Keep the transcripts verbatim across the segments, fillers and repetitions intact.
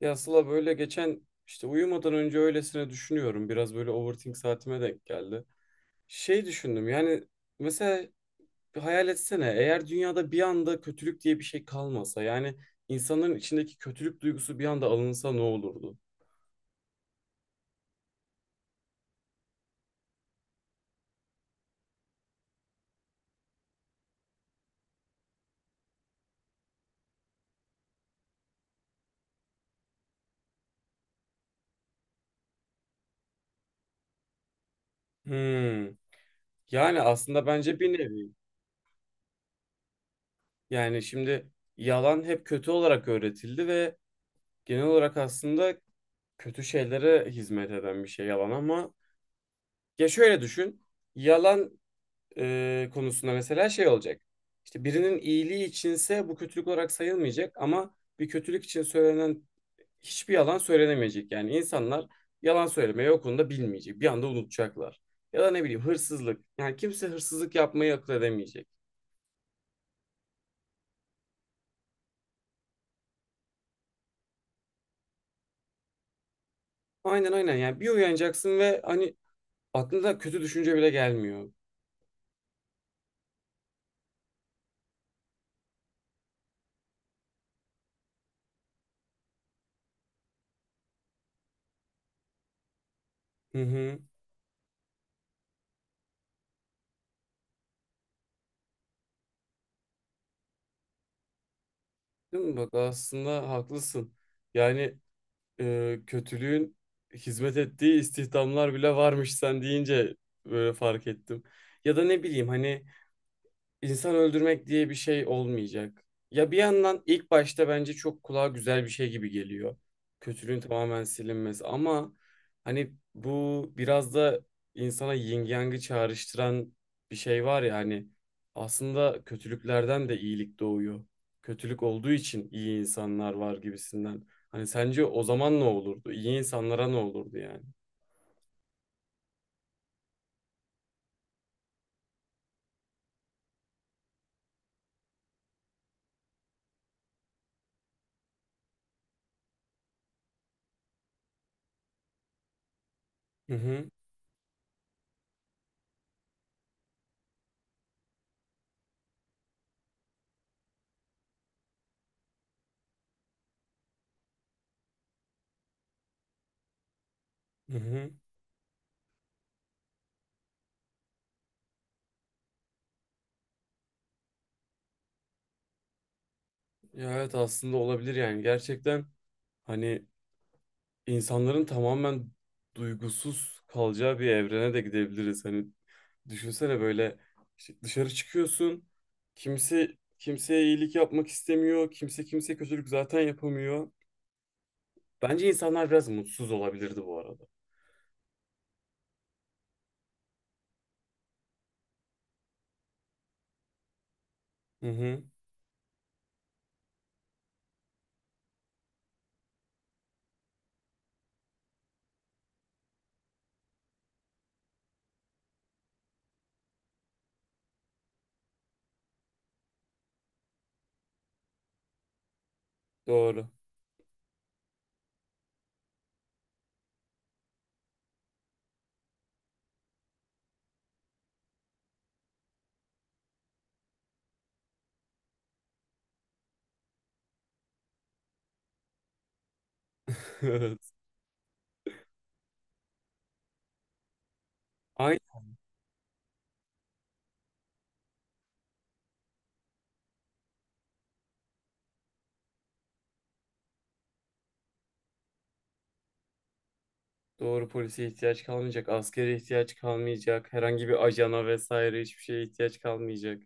Ya Sıla böyle geçen işte uyumadan önce öylesine düşünüyorum. Biraz böyle overthink saatime denk geldi. Şey düşündüm yani mesela bir hayal etsene, eğer dünyada bir anda kötülük diye bir şey kalmasa yani insanların içindeki kötülük duygusu bir anda alınsa ne olurdu? Hmm. Yani aslında bence bir nevi. Yani şimdi yalan hep kötü olarak öğretildi ve genel olarak aslında kötü şeylere hizmet eden bir şey yalan, ama ya şöyle düşün. Yalan e, konusunda mesela şey olacak. İşte birinin iyiliği içinse bu kötülük olarak sayılmayacak, ama bir kötülük için söylenen hiçbir yalan söylenemeyecek. Yani insanlar yalan söylemeyi o konuda bilmeyecek. Bir anda unutacaklar. Ya da ne bileyim, hırsızlık. Yani kimse hırsızlık yapmayı akıl edemeyecek. Aynen aynen, yani bir uyanacaksın ve hani aklına kötü düşünce bile gelmiyor. Hı hı. Değil mi? Bak, aslında haklısın. Yani e, kötülüğün hizmet ettiği istihdamlar bile varmış sen deyince böyle fark ettim. Ya da ne bileyim, hani İnsan öldürmek diye bir şey olmayacak. Ya bir yandan ilk başta bence çok kulağa güzel bir şey gibi geliyor. Kötülüğün tamamen silinmesi, ama hani bu biraz da insana yin yang'ı çağrıştıran bir şey var ya, hani aslında kötülüklerden de iyilik doğuyor. Kötülük olduğu için iyi insanlar var gibisinden. Hani sence o zaman ne olurdu? İyi insanlara ne olurdu yani? Hı hı, hı hı. Ya evet, aslında olabilir yani gerçekten, hani insanların tamamen duygusuz kalacağı bir evrene de gidebiliriz. Hani düşünsene, böyle işte dışarı çıkıyorsun. Kimse kimseye iyilik yapmak istemiyor. Kimse kimseye kötülük zaten yapamıyor. Bence insanlar biraz mutsuz olabilirdi bu arada. Hı hı, doğru. Evet. Aynı doğru, polise ihtiyaç kalmayacak, askere ihtiyaç kalmayacak, herhangi bir ajana vesaire hiçbir şeye ihtiyaç kalmayacak.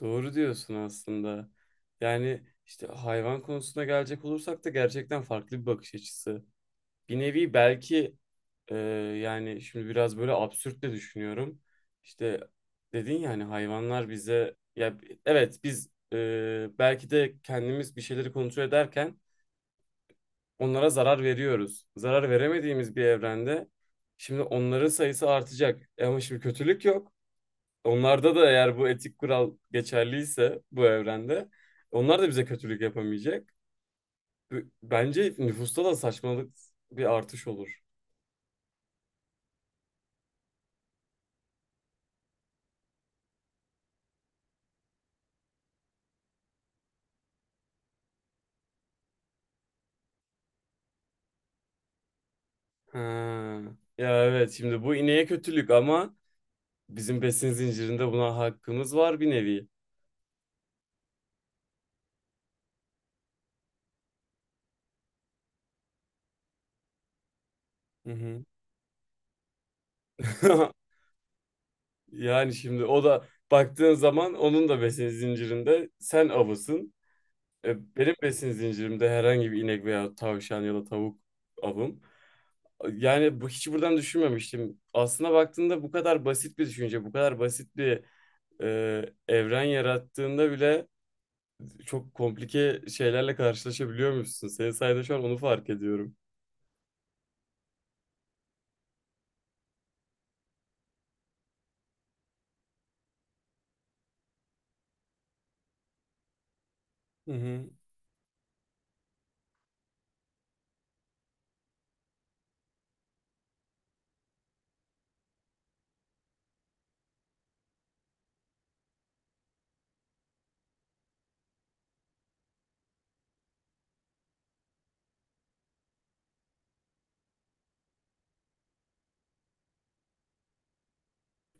Doğru diyorsun aslında. Yani işte hayvan konusuna gelecek olursak da gerçekten farklı bir bakış açısı. Bir nevi belki e, yani şimdi biraz böyle absürt de düşünüyorum. İşte dedin ya hani, hayvanlar bize, ya evet biz, e, belki de kendimiz bir şeyleri kontrol ederken onlara zarar veriyoruz. Zarar veremediğimiz bir evrende şimdi onların sayısı artacak. E ama şimdi kötülük yok. Onlarda da eğer bu etik kural geçerliyse bu evrende onlar da bize kötülük yapamayacak. B- Bence nüfusta da saçmalık bir artış olur. Ha. Ya evet, şimdi bu ineğe kötülük, ama bizim besin zincirinde buna hakkımız var bir nevi. Hı hı. Yani şimdi o da baktığın zaman onun da besin zincirinde sen avısın. E, benim besin zincirimde herhangi bir inek veya tavşan ya da tavuk avım. Yani bu hiç buradan düşünmemiştim. Aslına baktığında bu kadar basit bir düşünce, bu kadar basit bir e, evren yarattığında bile çok komplike şeylerle karşılaşabiliyormuşsun. Senin sayede şu an onu fark ediyorum. Hı hı.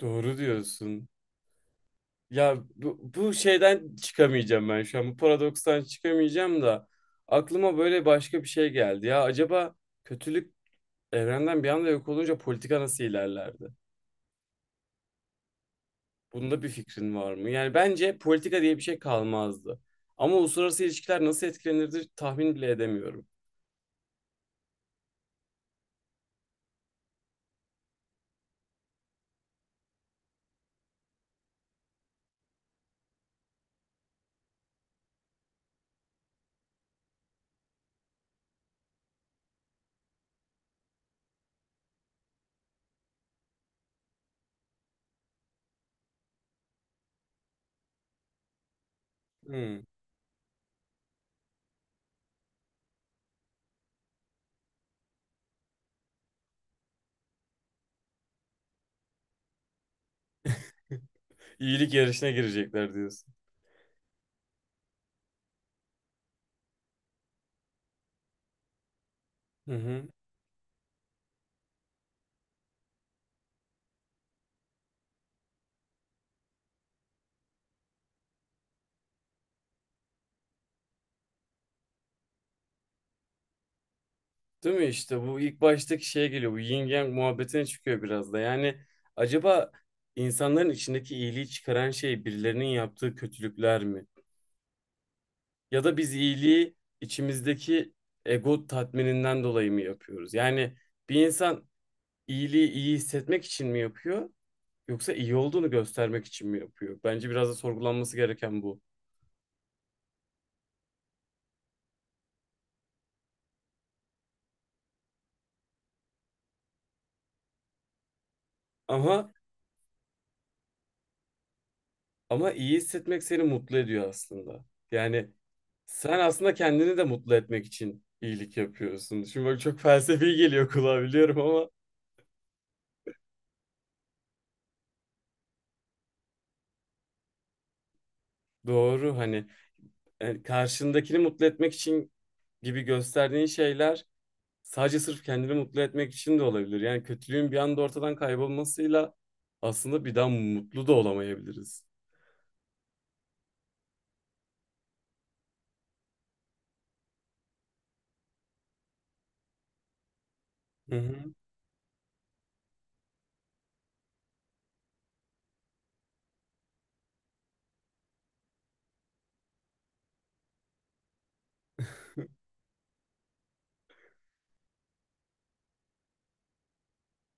Doğru diyorsun. Ya bu, bu şeyden çıkamayacağım ben şu an. Bu paradokstan çıkamayacağım da aklıma böyle başka bir şey geldi. Ya acaba kötülük evrenden bir anda yok olunca politika nasıl ilerlerdi? Bunda bir fikrin var mı? Yani bence politika diye bir şey kalmazdı. Ama uluslararası ilişkiler nasıl etkilenirdi tahmin bile edemiyorum. Hmm. İyilik yarışına girecekler diyorsun. Hı hı. Değil mi, işte bu ilk baştaki şeye geliyor. Bu yin yang muhabbetine çıkıyor biraz da. Yani acaba insanların içindeki iyiliği çıkaran şey birilerinin yaptığı kötülükler mi? Ya da biz iyiliği içimizdeki ego tatmininden dolayı mı yapıyoruz? Yani bir insan iyiliği iyi hissetmek için mi yapıyor? Yoksa iyi olduğunu göstermek için mi yapıyor? Bence biraz da sorgulanması gereken bu. Ama ama iyi hissetmek seni mutlu ediyor aslında. Yani sen aslında kendini de mutlu etmek için iyilik yapıyorsun. Şimdi bak, çok felsefi geliyor kulağa biliyorum, ama doğru, hani yani karşındakini mutlu etmek için gibi gösterdiğin şeyler sadece sırf kendini mutlu etmek için de olabilir. Yani kötülüğün bir anda ortadan kaybolmasıyla aslında bir daha mutlu da olamayabiliriz. Hı hı.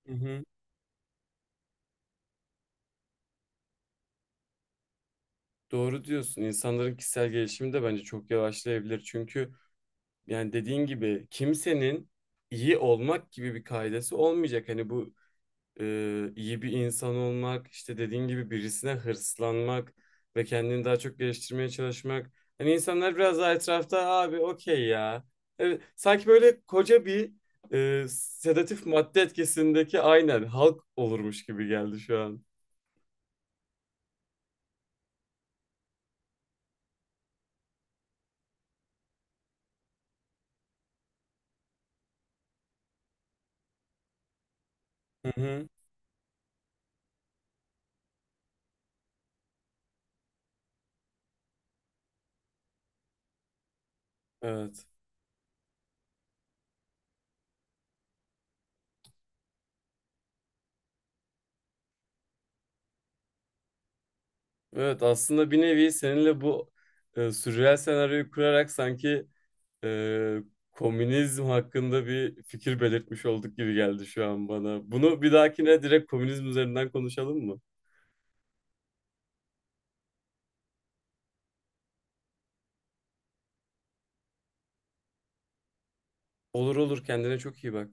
Hı hı. Doğru diyorsun. İnsanların kişisel gelişimi de bence çok yavaşlayabilir. Çünkü yani dediğin gibi kimsenin iyi olmak gibi bir kaidesi olmayacak. Hani bu e, iyi bir insan olmak, işte dediğin gibi birisine hırslanmak ve kendini daha çok geliştirmeye çalışmak. Hani insanlar biraz daha etrafta abi okey ya. Evet, sanki böyle koca bir e, sedatif madde etkisindeki aynen halk olurmuş gibi geldi şu an. Hı hı. Evet. Evet, aslında bir nevi seninle bu e, sürreal senaryoyu kurarak sanki e, komünizm hakkında bir fikir belirtmiş olduk gibi geldi şu an bana. Bunu bir dahakine direkt komünizm üzerinden konuşalım mı? Olur olur, kendine çok iyi bak.